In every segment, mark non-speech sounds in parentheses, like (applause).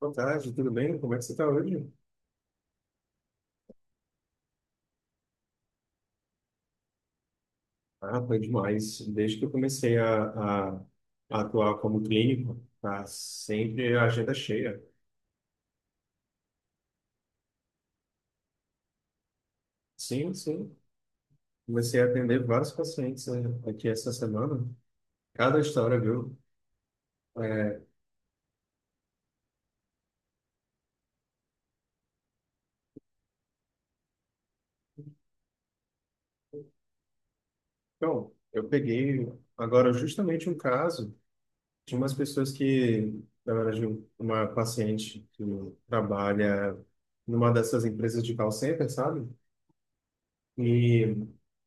Boa tarde, tudo bem? Como é que você está hoje? Ah, foi demais. Desde que eu comecei a atuar como clínico, tá sempre a agenda cheia. Sim, sim. Comecei a atender vários pacientes aqui essa semana. Cada história, viu? É, então, eu peguei agora justamente um caso de umas pessoas que, na verdade, uma paciente que trabalha numa dessas empresas de call center, sabe? E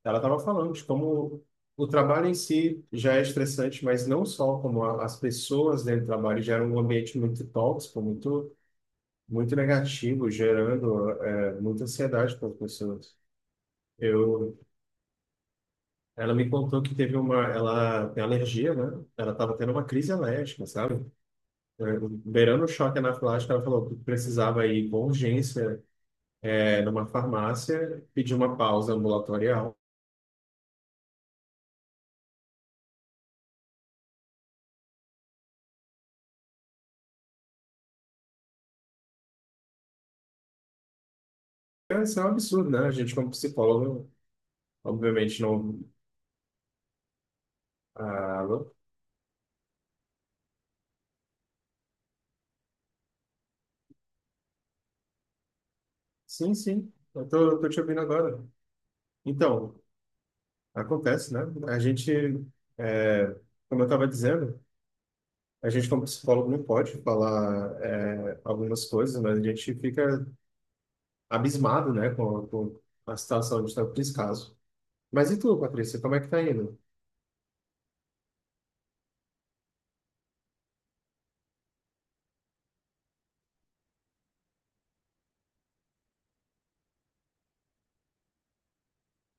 ela estava falando de como o trabalho em si já é estressante, mas não só como as pessoas dentro do trabalho geram um ambiente muito tóxico, muito negativo, gerando muita ansiedade para as pessoas. Eu, ela me contou que teve ela tem alergia, né? Ela estava tendo uma crise alérgica, sabe? É, beirando o choque anafilático, ela falou que precisava ir com urgência, numa farmácia, pedir uma pausa ambulatorial. É, isso é um absurdo, né? A gente, como psicólogo, obviamente não. Ah, alô? Sim, sim. Eu tô, te ouvindo agora. Então, acontece, né? A gente, é, como eu estava dizendo, a gente como psicólogo não pode falar algumas coisas, mas a gente fica abismado, né, com a situação de tanto descaso. Mas e tu, Patrícia, como é que tá indo?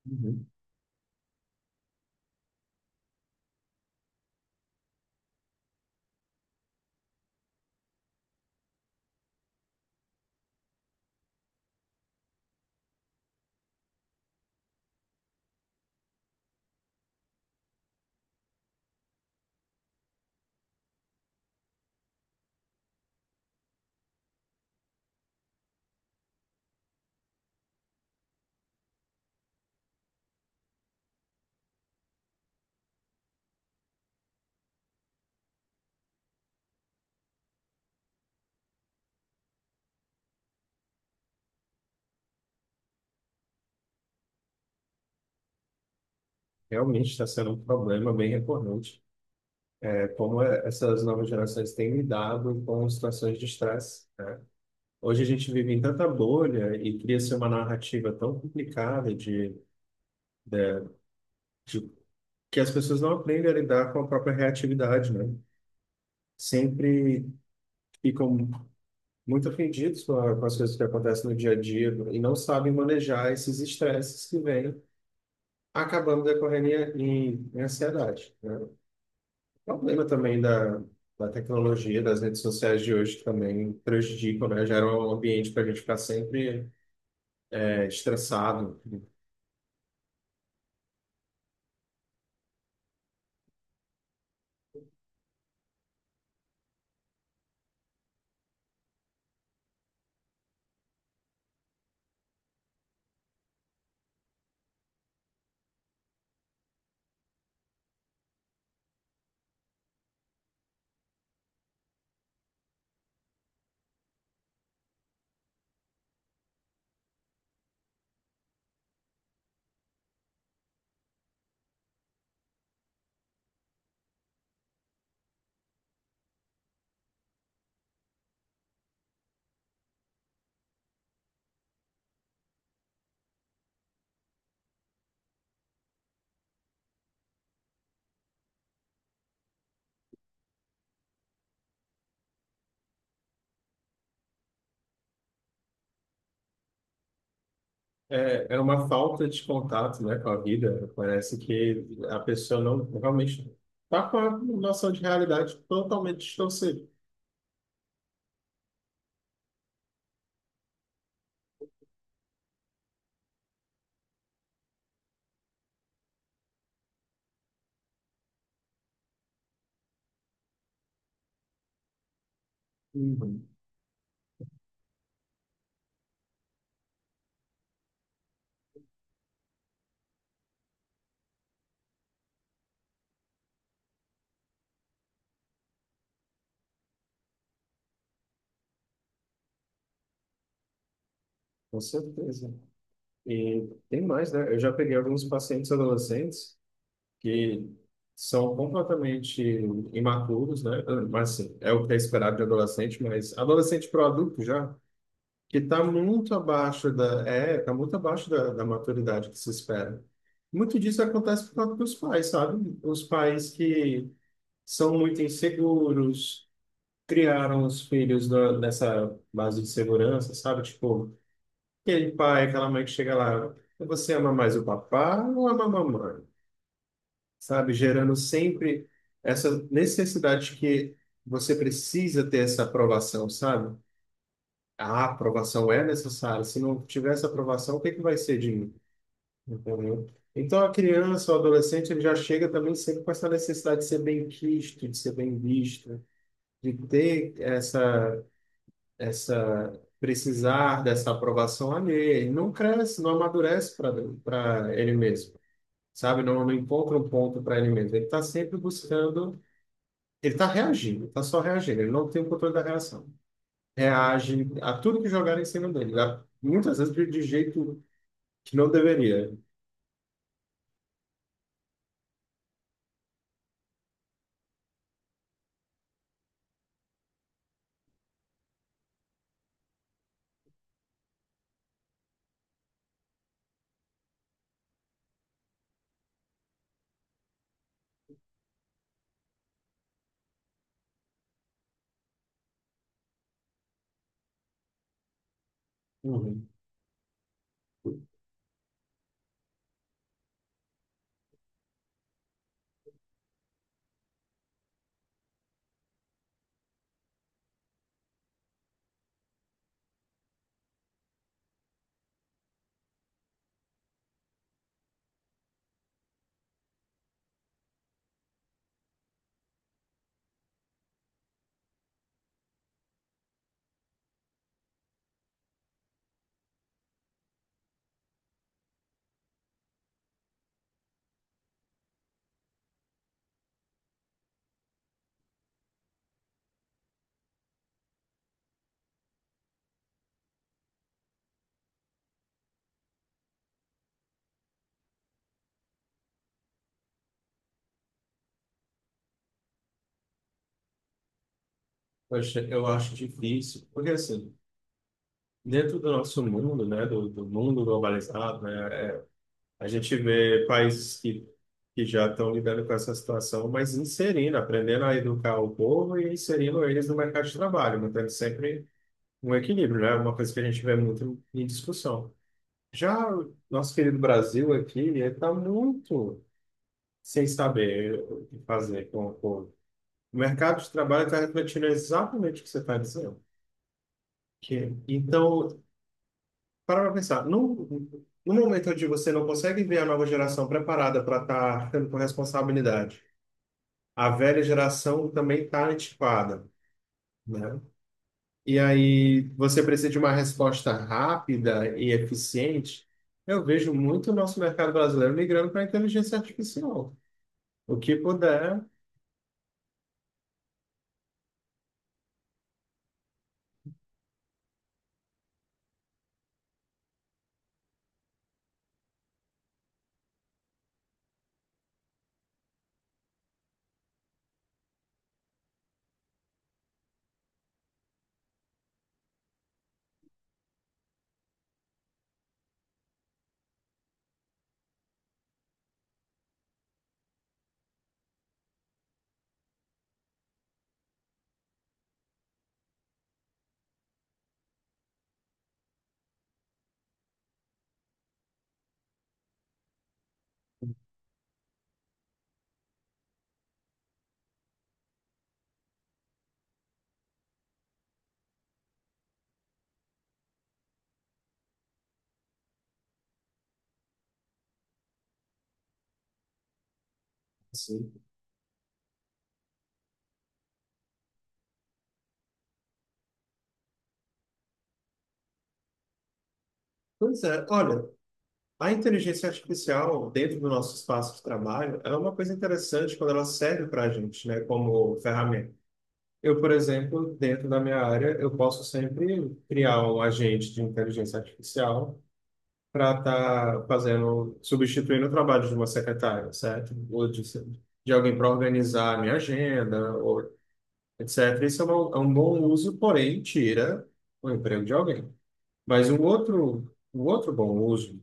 Uhum. Realmente está sendo um problema bem recorrente. Essas novas gerações têm lidado com situações de estresse. Hoje a gente vive em tanta bolha e cria-se uma narrativa tão complicada de, de- que as pessoas não aprendem a lidar com a própria reatividade, né? Sempre ficam muito ofendidos com as coisas que acontecem no dia a dia e não sabem manejar esses estresses que vêm acabando decorrendo em ansiedade, né? O problema também da tecnologia, das redes sociais de hoje que também prejudicam, né? Gera um ambiente para a gente ficar sempre estressado. É, é uma falta de contato, né, com a vida. Parece que a pessoa não realmente está com a noção de realidade totalmente distorcida. Uhum, com certeza. E tem mais, né? Eu já peguei alguns pacientes adolescentes que são completamente imaturos, né? Mas assim, é o que é esperado de adolescente, mas adolescente para adulto já. Que está muito abaixo tá muito abaixo da maturidade que se espera. Muito disso acontece por causa dos pais, sabe? Os pais que são muito inseguros, criaram os filhos nessa base de segurança, sabe? Tipo, aquele pai, aquela mãe que chega lá, você ama mais o papá ou ama a mamãe? Sabe? Gerando sempre essa necessidade de que você precisa ter essa aprovação, sabe? A aprovação é necessária. Se não tiver essa aprovação, o que é que vai ser de mim? Entendeu? Então, a criança, o adolescente, ele já chega também sempre com essa necessidade de ser bem quisto, de ser bem visto, de ter essa, precisar dessa aprovação ali. Ele não cresce, não amadurece para para ele mesmo, sabe? Não, não encontra um ponto para ele mesmo. Ele está sempre buscando, ele está reagindo, está só reagindo, ele não tem o controle da reação. Reage a tudo que jogaram em cima dele, né? Muitas vezes de jeito que não deveria. Uhum. Eu acho difícil, porque assim, dentro do nosso mundo, né, do mundo globalizado, né, a gente vê países que já estão lidando com essa situação, mas inserindo, aprendendo a educar o povo e inserindo eles no mercado de trabalho, mantendo sempre um equilíbrio, né, uma coisa que a gente vê muito em discussão. Já o nosso querido Brasil aqui, ele está muito sem saber o que fazer com o povo. O mercado de trabalho está refletindo exatamente o que você está dizendo. Que, então, para pra pensar, no momento onde você não consegue ver a nova geração preparada para estar tendo com responsabilidade, a velha geração também está antiquada, né? E aí você precisa de uma resposta rápida e eficiente. Eu vejo muito o nosso mercado brasileiro migrando para a inteligência artificial. O que puder. Sim. Pois é, olha, a inteligência artificial dentro do nosso espaço de trabalho é uma coisa interessante quando ela serve para a gente, né, como ferramenta. Eu, por exemplo, dentro da minha área, eu posso sempre criar um agente de inteligência artificial para estar fazendo, substituindo o trabalho de uma secretária, certo? Ou de alguém para organizar a minha agenda, ou etc. Isso é é um bom uso, porém, tira o emprego de alguém. Mas um outro bom uso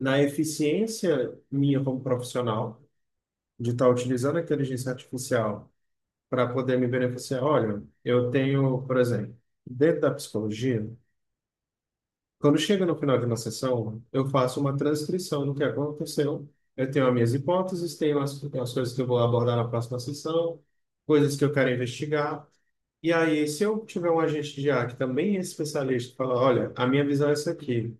na eficiência minha como profissional, de estar utilizando a inteligência artificial para poder me beneficiar. Olha, eu tenho, por exemplo, dentro da psicologia, quando chega no final de uma sessão, eu faço uma transcrição do que aconteceu. Eu tenho as minhas hipóteses, tenho as coisas que eu vou abordar na próxima sessão, coisas que eu quero investigar. E aí, se eu tiver um agente de IA que também é especialista, fala, olha, a minha visão é essa aqui.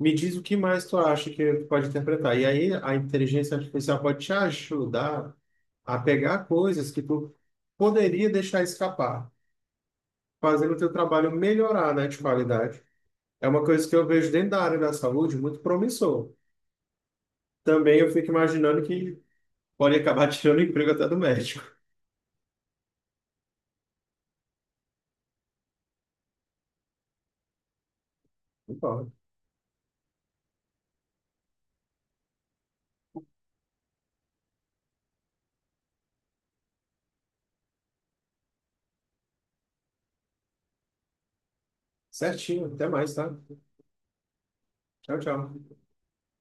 Me diz o que mais tu acha que tu pode interpretar. E aí a inteligência artificial pode te ajudar a pegar coisas que tu poderia deixar escapar, fazendo o teu trabalho melhorar, né, de qualidade. É uma coisa que eu vejo dentro da área da saúde muito promissor. Também eu fico imaginando que pode acabar (laughs) tirando o emprego até do médico. Não pode. Certinho, até mais, tá? Tchau, tchau.